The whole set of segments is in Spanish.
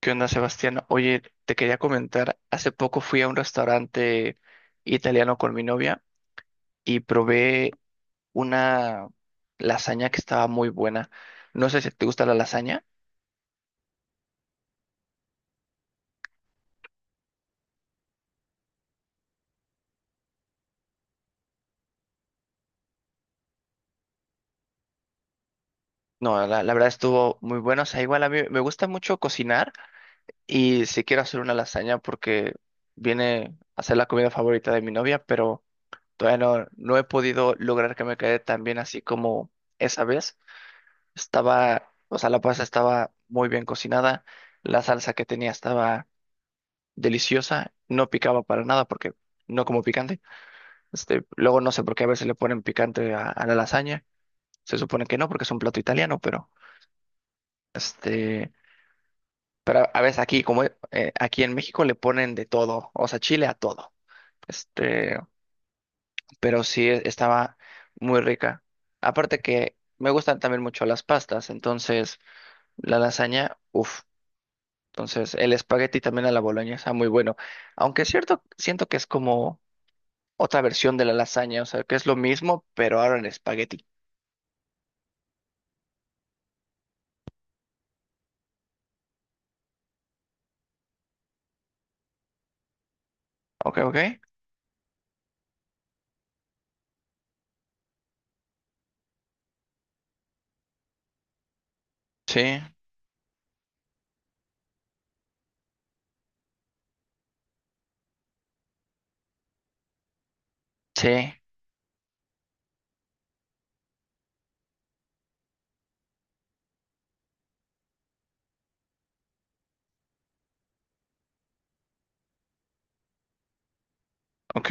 ¿Qué onda, Sebastián? Oye, te quería comentar, hace poco fui a un restaurante italiano con mi novia y probé una lasaña que estaba muy buena. No sé si te gusta la lasaña. No, la verdad estuvo muy buena. O sea, igual a mí me gusta mucho cocinar y sí quiero hacer una lasaña porque viene a ser la comida favorita de mi novia, pero todavía no he podido lograr que me quede tan bien así como esa vez. Estaba, o sea, la pasta estaba muy bien cocinada, la salsa que tenía estaba deliciosa, no picaba para nada porque no como picante. Este, luego no sé por qué a veces le ponen picante a la lasaña. Se supone que no porque es un plato italiano, pero este, pero a, veces aquí como aquí en México le ponen de todo, o sea, chile a todo. Este, pero sí estaba muy rica. Aparte que me gustan también mucho las pastas, entonces la lasaña, uff. Entonces, el espagueti también a la boloña está muy bueno. Aunque es cierto, siento que es como otra versión de la lasaña, o sea, que es lo mismo, pero ahora en espagueti. Ok, ok. Sí, sí, ok,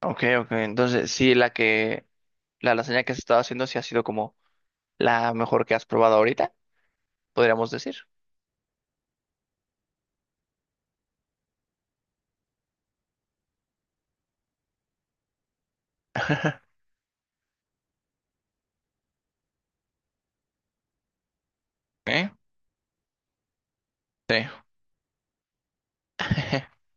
ok, ok. Entonces, sí, la lasaña que has estado haciendo sí ha sido como la mejor que has probado ahorita, podríamos decir. ¿Eh? Sí.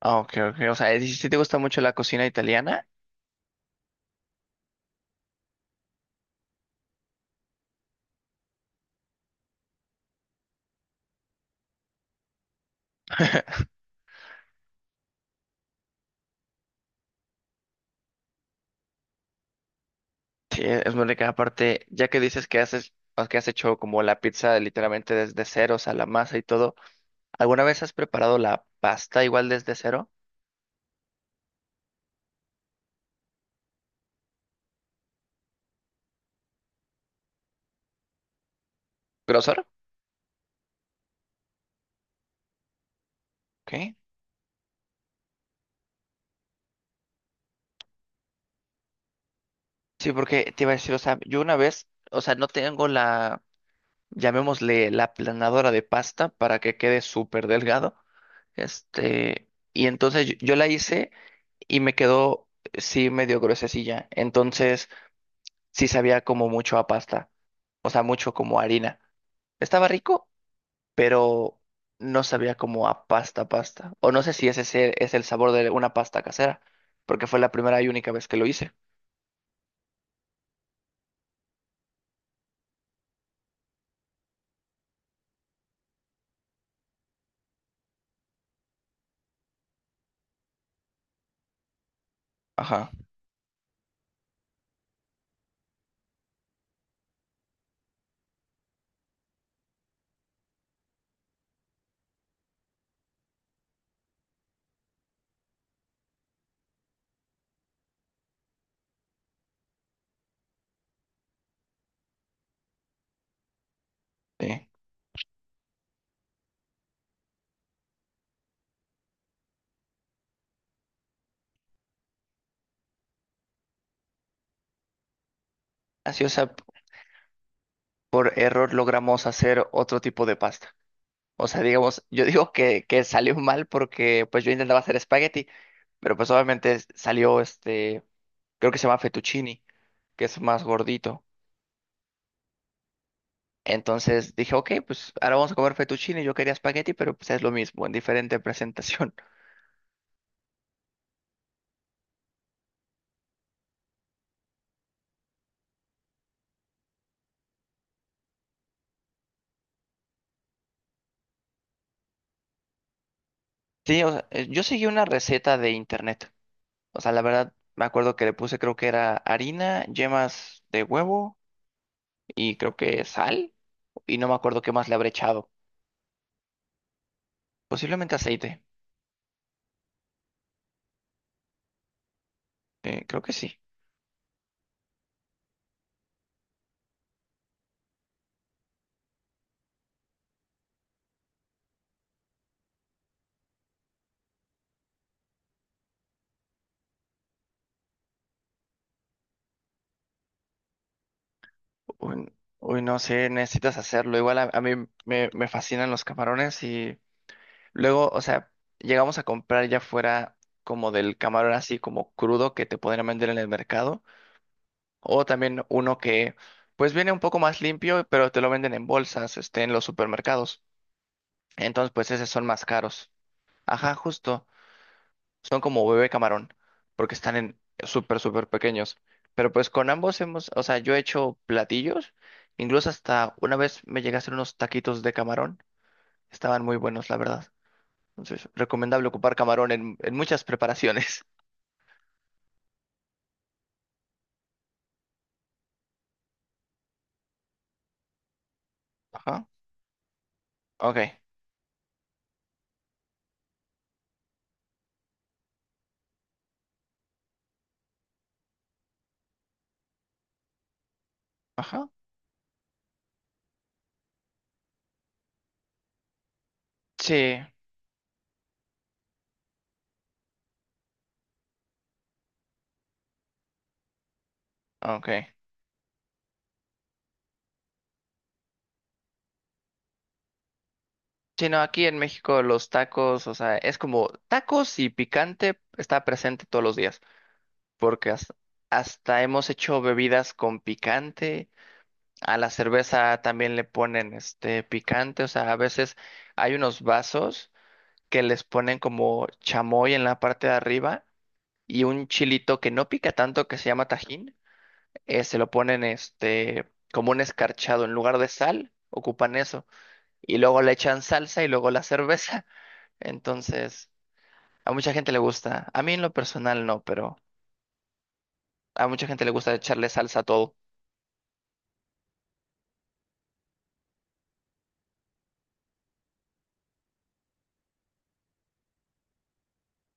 Ah, ok, ok. O sea, si te gusta mucho la cocina italiana. Sí, es muy rica. Aparte, ya que dices que haces, o que has hecho como la pizza literalmente desde cero, o sea, la masa y todo, ¿alguna vez has preparado la pasta igual desde cero? ¿Grosor? ¿Qué? Sí, porque te iba a decir, o sea, yo una vez, o sea, no tengo la, llamémosle la planadora de pasta para que quede súper delgado. Este, y entonces yo la hice y me quedó, sí, medio gruesecilla. Entonces, sí sabía como mucho a pasta, o sea, mucho como harina. Estaba rico pero no sabía como a pasta pasta. O no sé si es el sabor de una pasta casera, porque fue la primera y única vez que lo hice. Ajá, sí. Así, o sea, por error logramos hacer otro tipo de pasta. O sea, digamos, yo digo que salió mal porque pues yo intentaba hacer espagueti, pero pues obviamente salió este, creo que se llama fettuccini, que es más gordito. Entonces dije, ok, pues ahora vamos a comer fettuccini. Yo quería espagueti, pero pues es lo mismo, en diferente presentación. Sí, o sea, yo seguí una receta de internet. O sea, la verdad, me acuerdo que le puse, creo que era harina, yemas de huevo y creo que sal. Y no me acuerdo qué más le habré echado. Posiblemente aceite. Creo que sí. Uy, uy, no sé, necesitas hacerlo. Igual a mí me fascinan los camarones y luego, o sea, llegamos a comprar ya fuera como del camarón así como crudo que te podrían vender en el mercado. O también uno que pues viene un poco más limpio, pero te lo venden en bolsas, este, en los supermercados. Entonces, pues esos son más caros. Ajá, justo. Son como bebé camarón, porque están en súper, súper pequeños. Pero pues con ambos hemos, o sea, yo he hecho platillos. Incluso hasta una vez me llegué a hacer unos taquitos de camarón. Estaban muy buenos, la verdad. Entonces, recomendable ocupar camarón en muchas preparaciones. Ajá. Ok. Ajá. Sí. Ok. Sí, no, aquí en México los tacos, o sea, es como tacos y picante está presente todos los días, porque hasta, hasta hemos hecho bebidas con picante, a la cerveza también le ponen este picante, o sea, a veces hay unos vasos que les ponen como chamoy en la parte de arriba y un chilito que no pica tanto que se llama tajín, se lo ponen este como un escarchado en lugar de sal, ocupan eso y luego le echan salsa y luego la cerveza. Entonces, a mucha gente le gusta. A mí en lo personal no, pero a mucha gente le gusta echarle salsa a todo.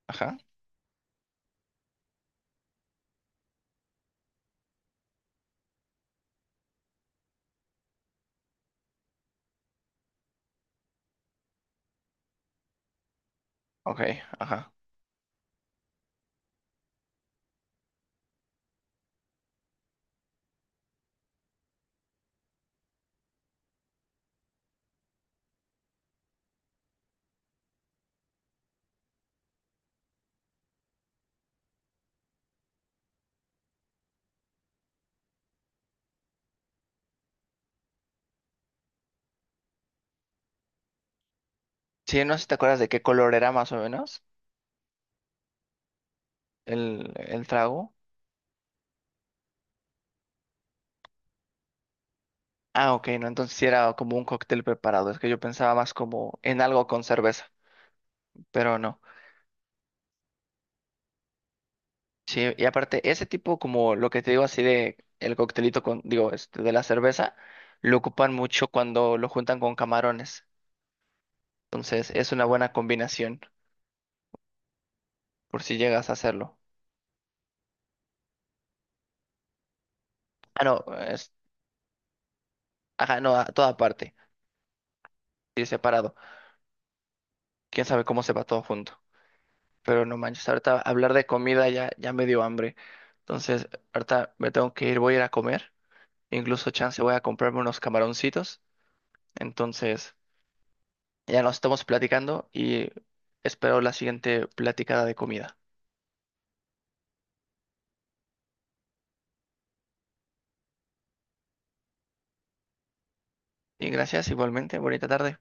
Ajá, ok, ajá. Sí, no sé si te acuerdas de qué color era más o menos el trago. Ah, ok, no, entonces sí era como un cóctel preparado. Es que yo pensaba más como en algo con cerveza, pero no. Sí, y aparte, ese tipo como lo que te digo así de el coctelito con, digo, este, de la cerveza, lo ocupan mucho cuando lo juntan con camarones. Entonces, es una buena combinación por si llegas a hacerlo. Ah, no, es, ajá, no, a toda parte, sí, separado. Quién sabe cómo se va todo junto. Pero no manches, ahorita hablar de comida ya, ya me dio hambre. Entonces, ahorita me tengo que ir, voy a ir a comer. Incluso, chance, voy a comprarme unos camaroncitos. Entonces, ya nos estamos platicando y espero la siguiente platicada de comida. Y gracias, igualmente, bonita tarde.